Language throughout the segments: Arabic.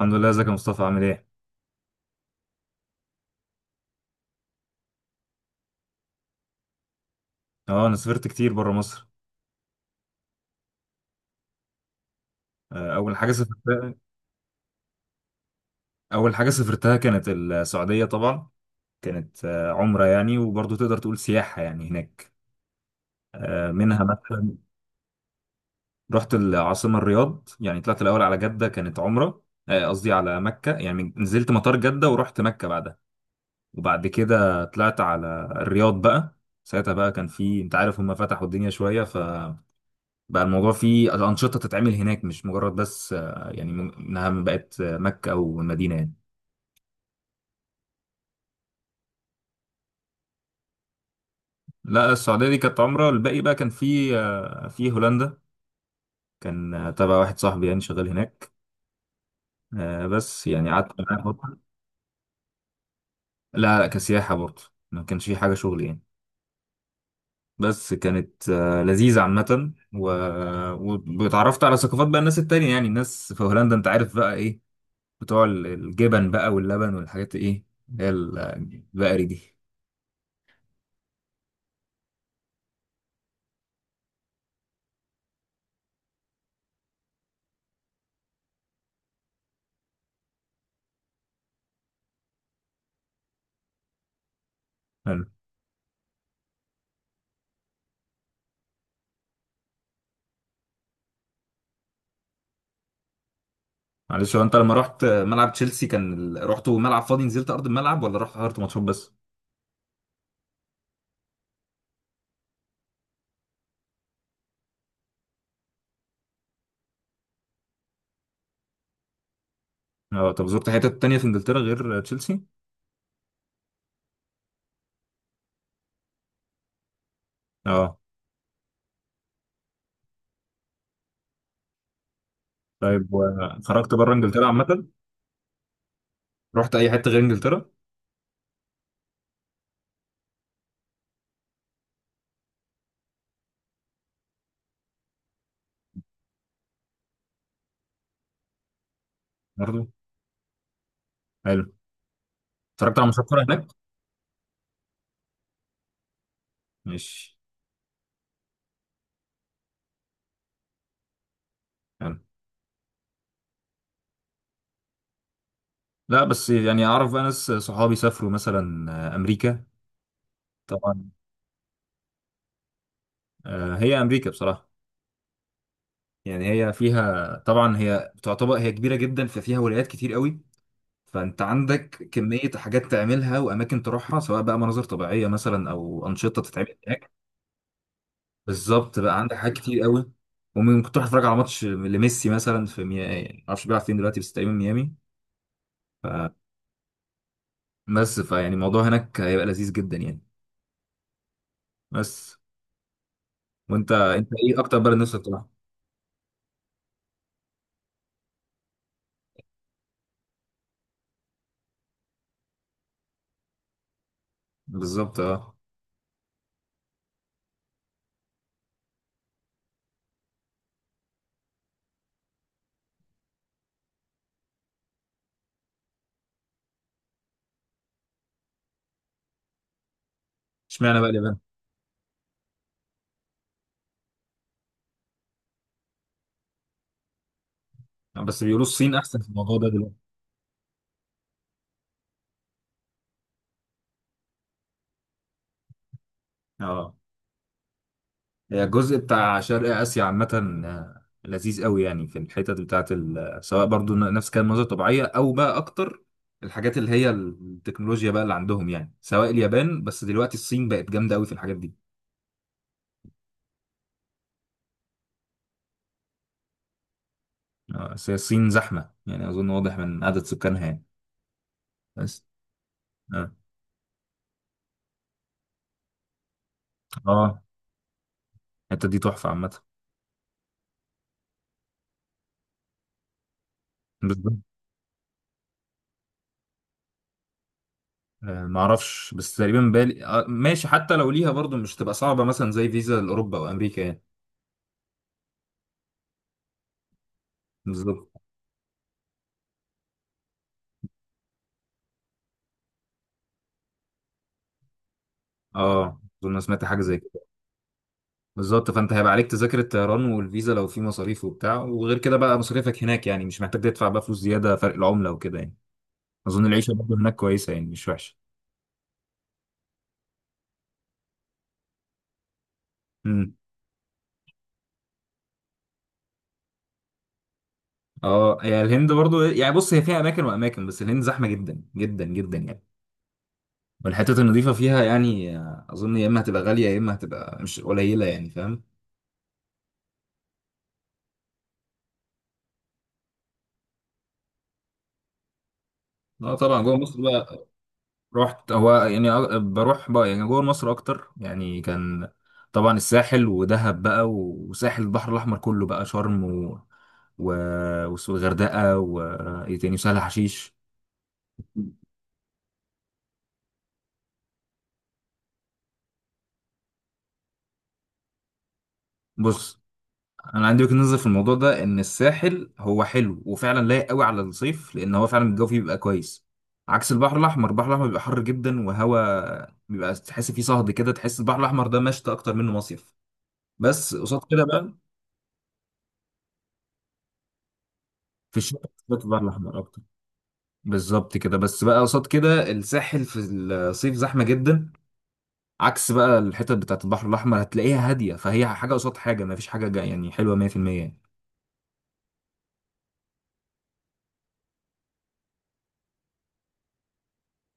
الحمد لله، ازيك يا مصطفى؟ عامل ايه؟ اه، انا سافرت كتير بره مصر. آه، اول حاجه سافرتها اول حاجه سافرتها كانت السعوديه طبعا. كانت عمره يعني، وبرضه تقدر تقول سياحه يعني هناك. منها مثلا. رحت العاصمه الرياض، يعني طلعت الاول على جده كانت عمره. قصدي على مكه، يعني نزلت مطار جده ورحت مكه بعدها، وبعد كده طلعت على الرياض بقى. ساعتها بقى كان في، انت عارف، هم فتحوا الدنيا شويه، بقى الموضوع فيه أنشطة تتعمل هناك، مش مجرد بس يعني إنها بقت مكة أو المدينة يعني. لا، السعودية دي كانت عمرة. الباقي بقى كان في هولندا. كان تبع واحد صاحبي يعني شغال هناك. بس يعني قعدت معاه فترة. لا لا، كسياحة برضه. ما كانش في حاجة شغل يعني. بس كانت لذيذة عامة، واتعرفت على ثقافات بقى الناس التانية. يعني الناس في هولندا، أنت عارف بقى إيه، بتوع الجبن بقى واللبن والحاجات، إيه اللي هي البقري دي. معلش، هو انت لما رحت ملعب تشيلسي، كان رحتوا ملعب فاضي نزلت ارض الملعب، ولا رحت حضرت ماتشات بس؟ اه، طب زرت حتت تانية في انجلترا غير تشيلسي؟ اه. طيب، وخرجت بره انجلترا عامة؟ رحت اي حتة غير انجلترا؟ برضه. حلو. اتفرجت على ماتشات كورة هناك؟ ماشي. حلو. لا، بس يعني اعرف بقى ناس صحابي سافروا مثلا امريكا. طبعا. هي امريكا بصراحة، يعني هي فيها طبعا، هي تعتبر هي كبيرة جدا، ففيها ولايات كتير قوي. فانت عندك كمية حاجات تعملها واماكن تروحها، سواء بقى مناظر طبيعية مثلا او انشطة تتعمل هناك. بالظبط بقى، عندك حاجات كتير قوي. وممكن تروح تتفرج على ماتش لميسي مثلا في ميامي، يعني معرفش بيلعب فين دلوقتي بس تقريبا ميامي. ف... بس فيعني الموضوع هناك هيبقى لذيذ جدا يعني. بس، وانت انت ايه اكتر بلد نفسك تروحها؟ بالظبط. اه. اشمعنى بقى اليابان؟ بس بيقولوا الصين احسن في الموضوع ده دلوقتي. اه، هي الجزء بتاع شرق آسيا عامة. آه، لذيذ قوي يعني، في الحتت بتاعت سواء برضو نفس كان مناظر طبيعية، أو بقى أكتر الحاجات اللي هي التكنولوجيا بقى اللي عندهم، يعني سواء اليابان، بس دلوقتي الصين بقت جامدة قوي في الحاجات دي. بس هي الصين زحمة، يعني أظن واضح من عدد سكانها يعني. بس. اه. آه، الحتة دي تحفة عامة. بالظبط. معرفش، بس تقريبا بالي ماشي، حتى لو ليها برضو مش تبقى صعبة مثلا زي فيزا لأوروبا وأمريكا يعني. بالظبط. اه، أظن أنا سمعت حاجة زي كده. بالظبط. فانت هيبقى عليك تذاكر الطيران والفيزا لو في مصاريف وبتاع، وغير كده بقى مصاريفك هناك، يعني مش محتاج تدفع بقى فلوس زياده فرق العمله وكده يعني. اظن العيشه برضه هناك كويسه يعني، مش وحشه. امم. اه، هي الهند برضه يعني، بص هي فيها اماكن واماكن، بس الهند زحمه جدا جدا جدا يعني. والحتت النظيفه فيها يعني اظن يا اما هتبقى غاليه، يا اما هتبقى مش قليله يعني، فاهم. اه طبعا، جوه مصر بقى. رحت، هو يعني بروح بقى يعني جوه مصر اكتر يعني. كان طبعا الساحل ودهب بقى، وساحل البحر الاحمر كله بقى، شرم و و والغردقه، وايه تاني، وسهل حشيش. بص، انا عندي وجهة نظر في الموضوع ده، ان الساحل هو حلو وفعلا لايق قوي على الصيف، لان هو فعلا الجو فيه بيبقى كويس، عكس البحر الاحمر. البحر الاحمر بيبقى حر جدا، وهوا بيبقى تحس فيه صهد كده، تحس البحر الاحمر ده مشتى اكتر منه مصيف. بس قصاد كده بقى، في الشتاء في البحر الاحمر اكتر. بالظبط كده. بس بقى قصاد كده، الساحل في الصيف زحمه جدا، عكس بقى الحتت بتاعت البحر الاحمر هتلاقيها هاديه. فهي حاجه قصاد حاجه، ما فيش حاجه يعني حلوه 100% يعني.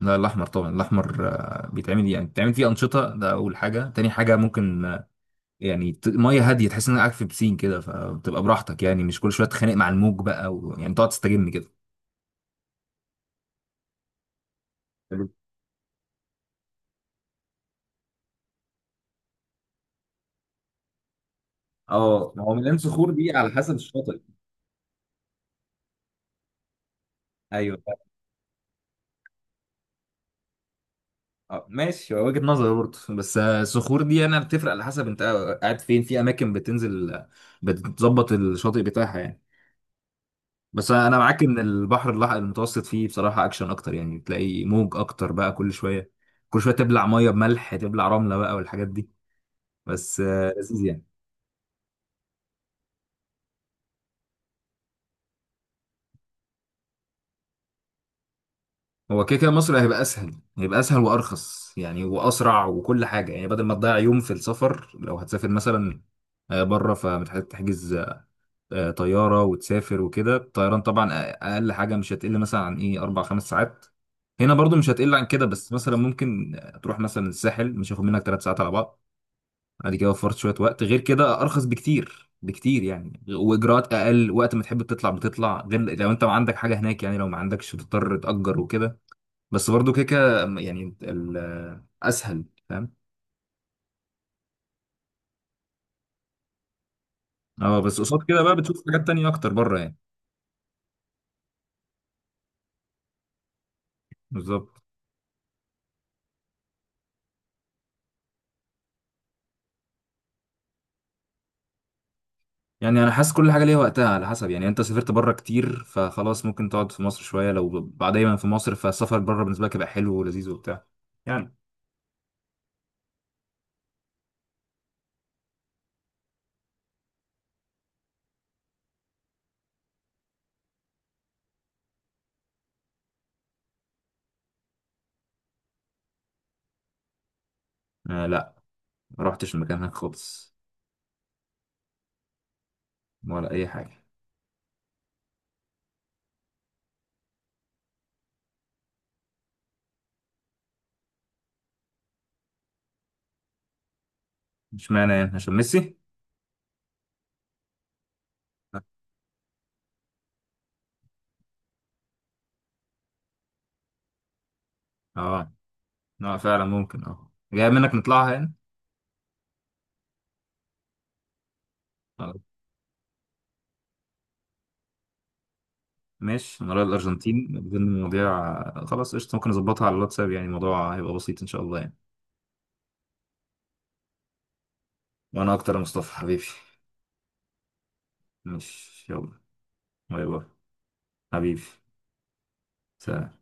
لا، الاحمر طبعا. الاحمر بيتعمل فيه انشطه، ده اول حاجه. تاني حاجه، ممكن يعني ميه هاديه، تحس انك قاعد في بسين كده، فبتبقى براحتك يعني، مش كل شويه تتخانق مع الموج بقى، يعني تقعد تستجم كده. حلو. اه، ما هو مليان صخور دي على حسب الشاطئ. ايوه. اه ماشي، هو وجهة نظر برضه، بس الصخور دي انا بتفرق على حسب انت قاعد فين، في اماكن بتنزل بتظبط الشاطئ بتاعها يعني. بس انا معاك ان البحر المتوسط فيه بصراحة اكشن اكتر، يعني تلاقي موج اكتر بقى كل شوية، كل شوية تبلع مية بملح، تبلع رملة بقى والحاجات دي. بس لذيذ يعني. هو كده كده مصر هيبقى اسهل، هيبقى اسهل وارخص يعني واسرع وكل حاجة. يعني بدل ما تضيع يوم في السفر، لو هتسافر مثلا بره فمتحتاج تحجز طيارة وتسافر وكده. الطيران طبعا، أقل حاجة مش هتقل مثلا عن إيه أربع خمس ساعات. هنا برضو مش هتقل عن كده، بس مثلا ممكن تروح مثلا الساحل مش هياخد منك ثلاث ساعات على بعض. بعد كده وفرت شوية وقت، غير كده أرخص بكتير بكتير يعني، وإجراءات أقل، وقت ما تحب تطلع بتطلع، غير لو أنت ما عندك حاجة هناك يعني، لو ما عندكش بتضطر تأجر وكده. بس برضو كده كده يعني، أسهل، فاهم. أه، بس قصاد كده بقى بتشوف حاجات تانية أكتر بره يعني. بالظبط. يعني انا حاسس كل حاجه ليها وقتها، على حسب يعني، انت سافرت بره كتير فخلاص ممكن تقعد في مصر شويه، لو بعد دايما في مصر فالسفر بره بالنسبه لك يبقى حلو ولذيذ وبتاع يعني. آه لا. ما رحتش المكان هناك خالص. ولا اي حاجه. مش معنى يعني عشان ميسي. اه. اه فعلا، ممكن. اه، جاي منك نطلعها يعني. خلاص. ماشي، انا رايح الارجنتين بدون المواضيع. خلاص، قشطه. ممكن اظبطها على الواتساب، يعني الموضوع هيبقى بسيط ان شاء الله يعني. وانا اكتر يا مصطفى حبيبي. ماشي يلا. باي باي. حبيبي. سلام.